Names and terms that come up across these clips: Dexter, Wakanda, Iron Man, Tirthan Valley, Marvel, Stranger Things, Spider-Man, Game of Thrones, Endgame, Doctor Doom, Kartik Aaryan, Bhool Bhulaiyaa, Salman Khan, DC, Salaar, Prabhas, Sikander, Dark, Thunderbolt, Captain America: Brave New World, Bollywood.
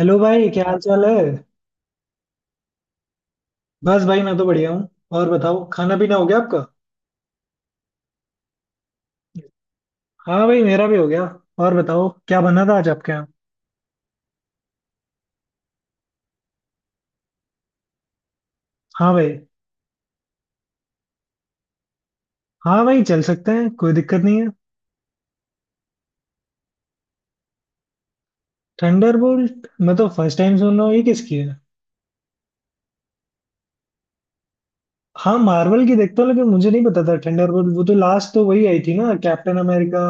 Hello भाई, क्या हाल चाल है? बस भाई, मैं तो बढ़िया हूँ। और बताओ, खाना पीना हो गया आपका? हाँ भाई, मेरा भी हो गया। और बताओ, क्या बना था आज आपके यहाँ? हाँ भाई। हाँ भाई, चल सकते हैं, कोई दिक्कत नहीं है। थंडरबोल्ट? मैं तो फर्स्ट टाइम सुन रहा हूँ, ये किसकी है? हाँ, मार्वल की देखता हूँ, लेकिन मुझे नहीं पता था थंडरबोल्ट। वो तो लास्ट तो वही आई थी ना, Captain America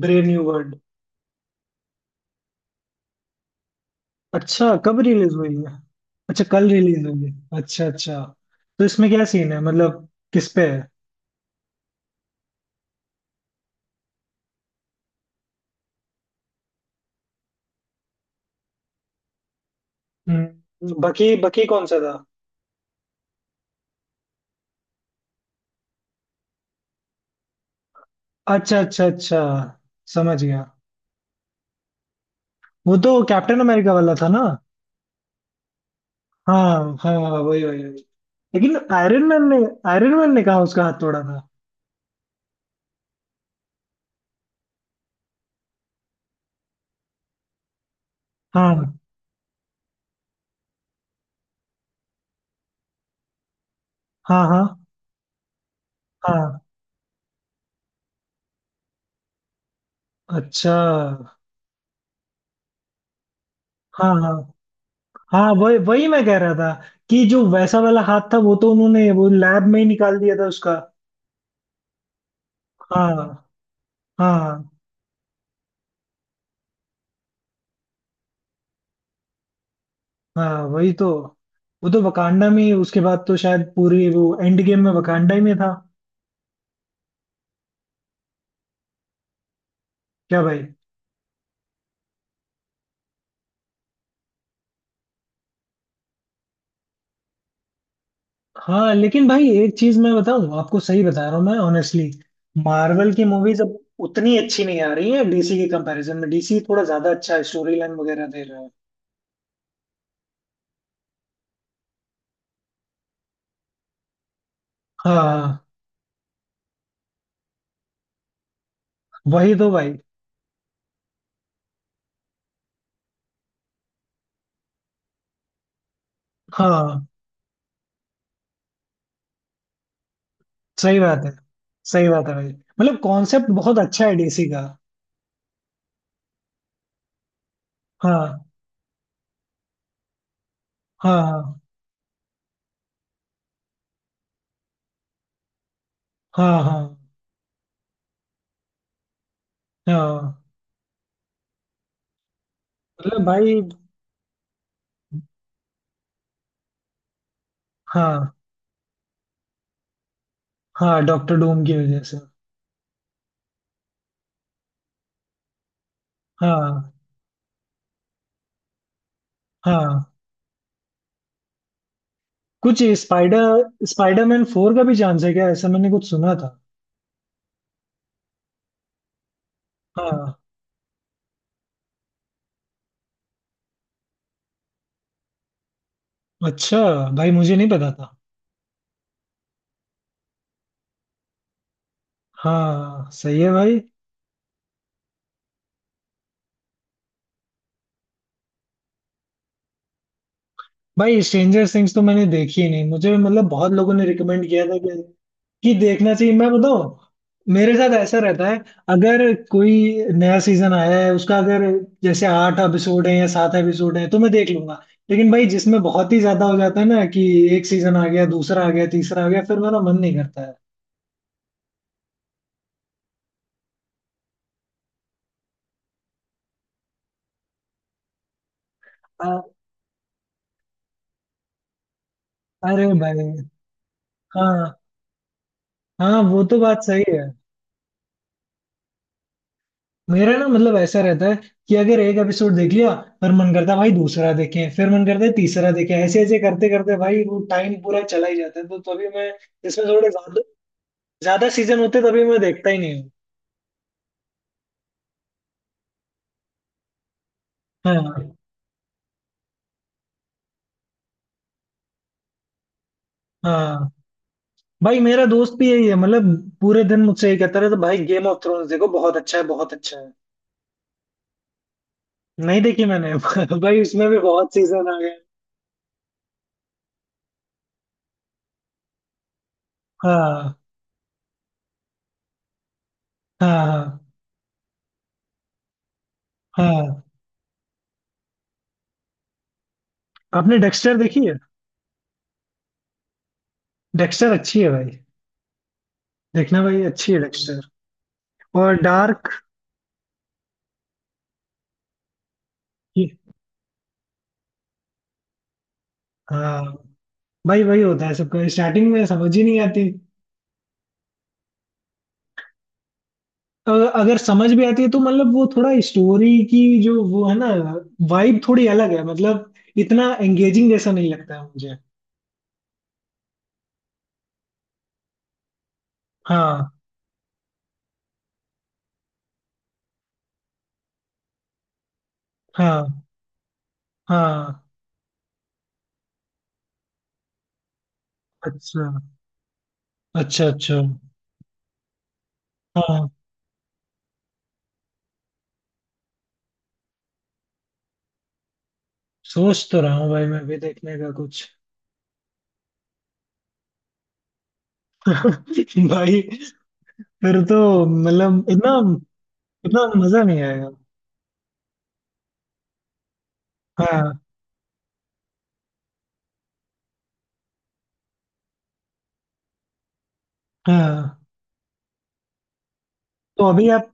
brave new world. अच्छा, कब रिलीज हुई है? अच्छा, कल रिलीज हुई है, अच्छा अच्छा। तो इसमें क्या सीन है, मतलब किस पे है? बाकी बाकी कौन सा था? अच्छा अच्छा अच्छा, समझ गया। वो तो कैप्टन अमेरिका वाला था ना? हाँ हाँ हाँ, वही वही वही। लेकिन आयरन मैन ने कहा उसका हाथ तोड़ा था। हाँ हाँ। हाँ हाँ। अच्छा। हाँ हाँ हाँ, वही वही, मैं कह रहा था कि जो वैसा वाला हाथ था वो तो उन्होंने वो लैब में ही निकाल दिया था उसका। हाँ हाँ। हाँ वही तो, वो तो वकांडा में ही उसके बाद तो शायद पूरी वो एंड गेम में वकांडा ही में था। क्या भाई? हाँ लेकिन भाई एक चीज मैं बताऊं, आपको सही बता रहा हूँ मैं ऑनेस्टली, मार्वल की मूवीज अब उतनी अच्छी नहीं आ रही है डीसी के कंपैरिजन में। डीसी थोड़ा ज्यादा अच्छा स्टोरी लाइन वगैरह दे रहा है। हाँ वही तो भाई। हाँ सही बात है। सही बात है भाई, मतलब कॉन्सेप्ट बहुत अच्छा है डीसी का। हाँ हाँ हाँ हाँ हाँ हाँ। मतलब भाई। हाँ हाँ, डॉक्टर डूम की वजह से। हाँ हाँ। कुछ स्पाइडरमैन फोर का भी चांस है क्या? ऐसा मैंने कुछ सुना था। हाँ। अच्छा भाई, मुझे नहीं पता था। हाँ सही है भाई। भाई स्ट्रेंजर थिंग्स तो मैंने देखी ही नहीं, मुझे मतलब बहुत लोगों ने रिकमेंड किया था कि देखना चाहिए। मैं बताऊं, मेरे साथ ऐसा रहता है, अगर कोई नया सीजन आया है उसका, अगर जैसे आठ एपिसोड है या सात एपिसोड है तो मैं देख लूंगा। लेकिन भाई जिसमें बहुत ही ज्यादा हो जाता है ना, कि एक सीजन आ गया, दूसरा आ गया, तीसरा आ गया, फिर मेरा मन नहीं करता है। अ- अरे भाई। हाँ हाँ, वो तो बात सही है। मेरा ना मतलब ऐसा रहता है कि अगर एक एपिसोड देख लिया, पर मन करता है भाई दूसरा देखें, फिर मन करता है तीसरा देखें, ऐसे ऐसे करते करते भाई वो टाइम पूरा चला ही जाता है, तो तभी मैं इसमें थोड़े ज्यादा ज्यादा सीजन होते तभी मैं देखता ही नहीं हूँ। हाँ हाँ भाई, मेरा दोस्त भी यही है, मतलब पूरे दिन मुझसे यही कहता रहता है, भाई गेम ऑफ थ्रोन्स देखो, बहुत अच्छा है, बहुत अच्छा है। नहीं देखी मैंने। भाई उसमें भी बहुत सीजन आ गए। हाँ हाँ। हाँ हाँ। आपने डेक्स्टर देखी है? डेक्स्टर अच्छी है भाई, देखना भाई, अच्छी है डेक्स्टर। और डार्क? ये- हाँ भाई, वही होता है सबका, स्टार्टिंग में समझ ही नहीं आती। अगर अगर समझ भी आती है तो मतलब वो थोड़ा स्टोरी की जो वो है ना, वाइब थोड़ी अलग है, मतलब इतना एंगेजिंग जैसा नहीं लगता है मुझे। हाँ हाँ। हाँ, अच्छा अच्छा अच्छा। हाँ, सोच तो रहा हूँ भाई मैं भी देखने का कुछ। भाई फिर तो, मतलब इतना, इतना मजा नहीं आएगा। हाँ हाँ। तो अभी आप,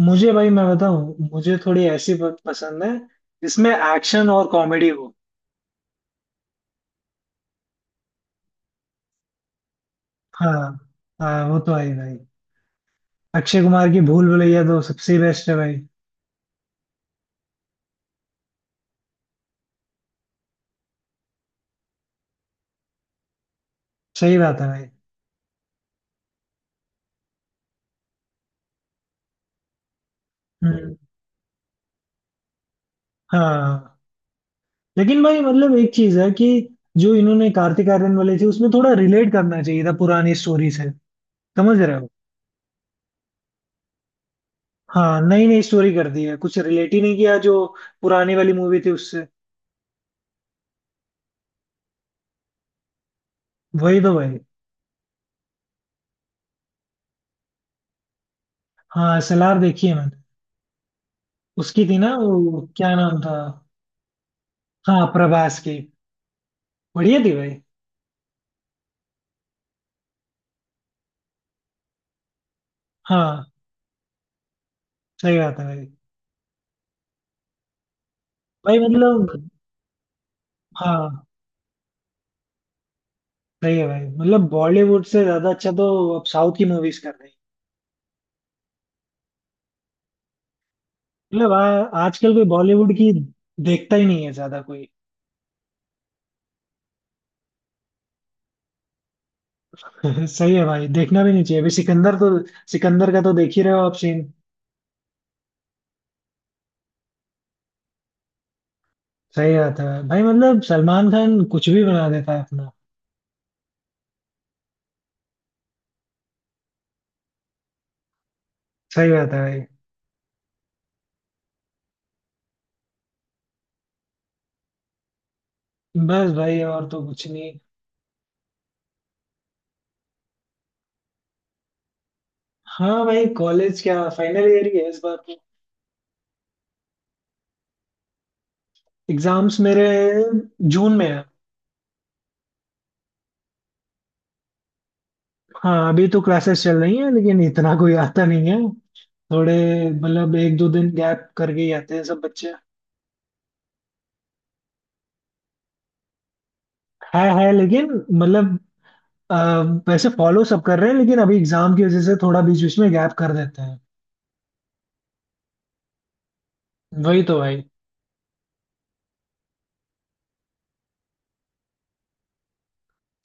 मुझे भाई मैं बताऊं, मुझे थोड़ी ऐसी पसंद है जिसमें एक्शन और कॉमेडी हो। हाँ हाँ, वो तो है ही भाई। अक्षय कुमार की भूल भुलैया तो सबसे बेस्ट है भाई। सही बात है भाई। हम्म। हाँ लेकिन भाई, मतलब एक चीज है कि जो इन्होंने कार्तिक आर्यन वाली थी उसमें थोड़ा रिलेट करना चाहिए था पुरानी स्टोरी से, समझ रहे हो? हाँ, नई नई स्टोरी कर दी है, कुछ रिलेट ही नहीं किया जो पुरानी वाली मूवी थी उससे। वही तो भाई। हाँ सलार देखी है मैंने। उसकी थी ना, वो क्या नाम था? हाँ प्रभास की, बढ़िया थी भाई। हाँ सही बात है भाई। भाई मतलब, हाँ सही है भाई, मतलब बॉलीवुड से ज्यादा अच्छा तो अब साउथ की मूवीज कर रही है। मतलब आजकल कोई बॉलीवुड की देखता ही नहीं है ज्यादा कोई। सही है भाई, देखना भी नहीं चाहिए। अभी सिकंदर तो, सिकंदर का तो देख ही रहे हो आप सीन। सही बात है भाई, भाई, मतलब सलमान खान कुछ भी बना देता है अपना। सही बात है भाई। बस भाई और तो कुछ नहीं। हाँ भाई, कॉलेज क्या, फाइनल ईयर ही है इस बार तो। एग्जाम्स मेरे जून में है। हाँ, अभी तो क्लासेस चल रही हैं लेकिन इतना कोई आता नहीं है थोड़े, मतलब एक दो दिन गैप करके ही आते हैं सब बच्चे। है लेकिन, मतलब, अ, वैसे फॉलो सब कर रहे हैं लेकिन अभी एग्जाम की वजह से थोड़ा बीच बीच में गैप कर देते हैं। वही तो भाई।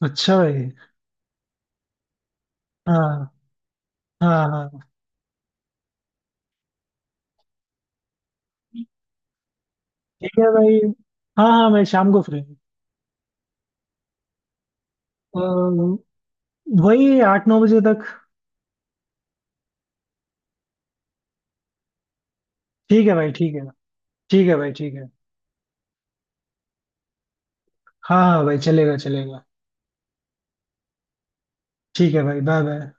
अच्छा भाई। हाँ हाँ हाँ। ठीक है भाई, हाँ हाँ मैं शाम को फ्री हूँ। अ, वही 8-9 बजे तक। ठीक है भाई ठीक है। ठीक है भाई ठीक है। हाँ हाँ भाई, चलेगा चलेगा। ठीक है भाई, बाय बाय।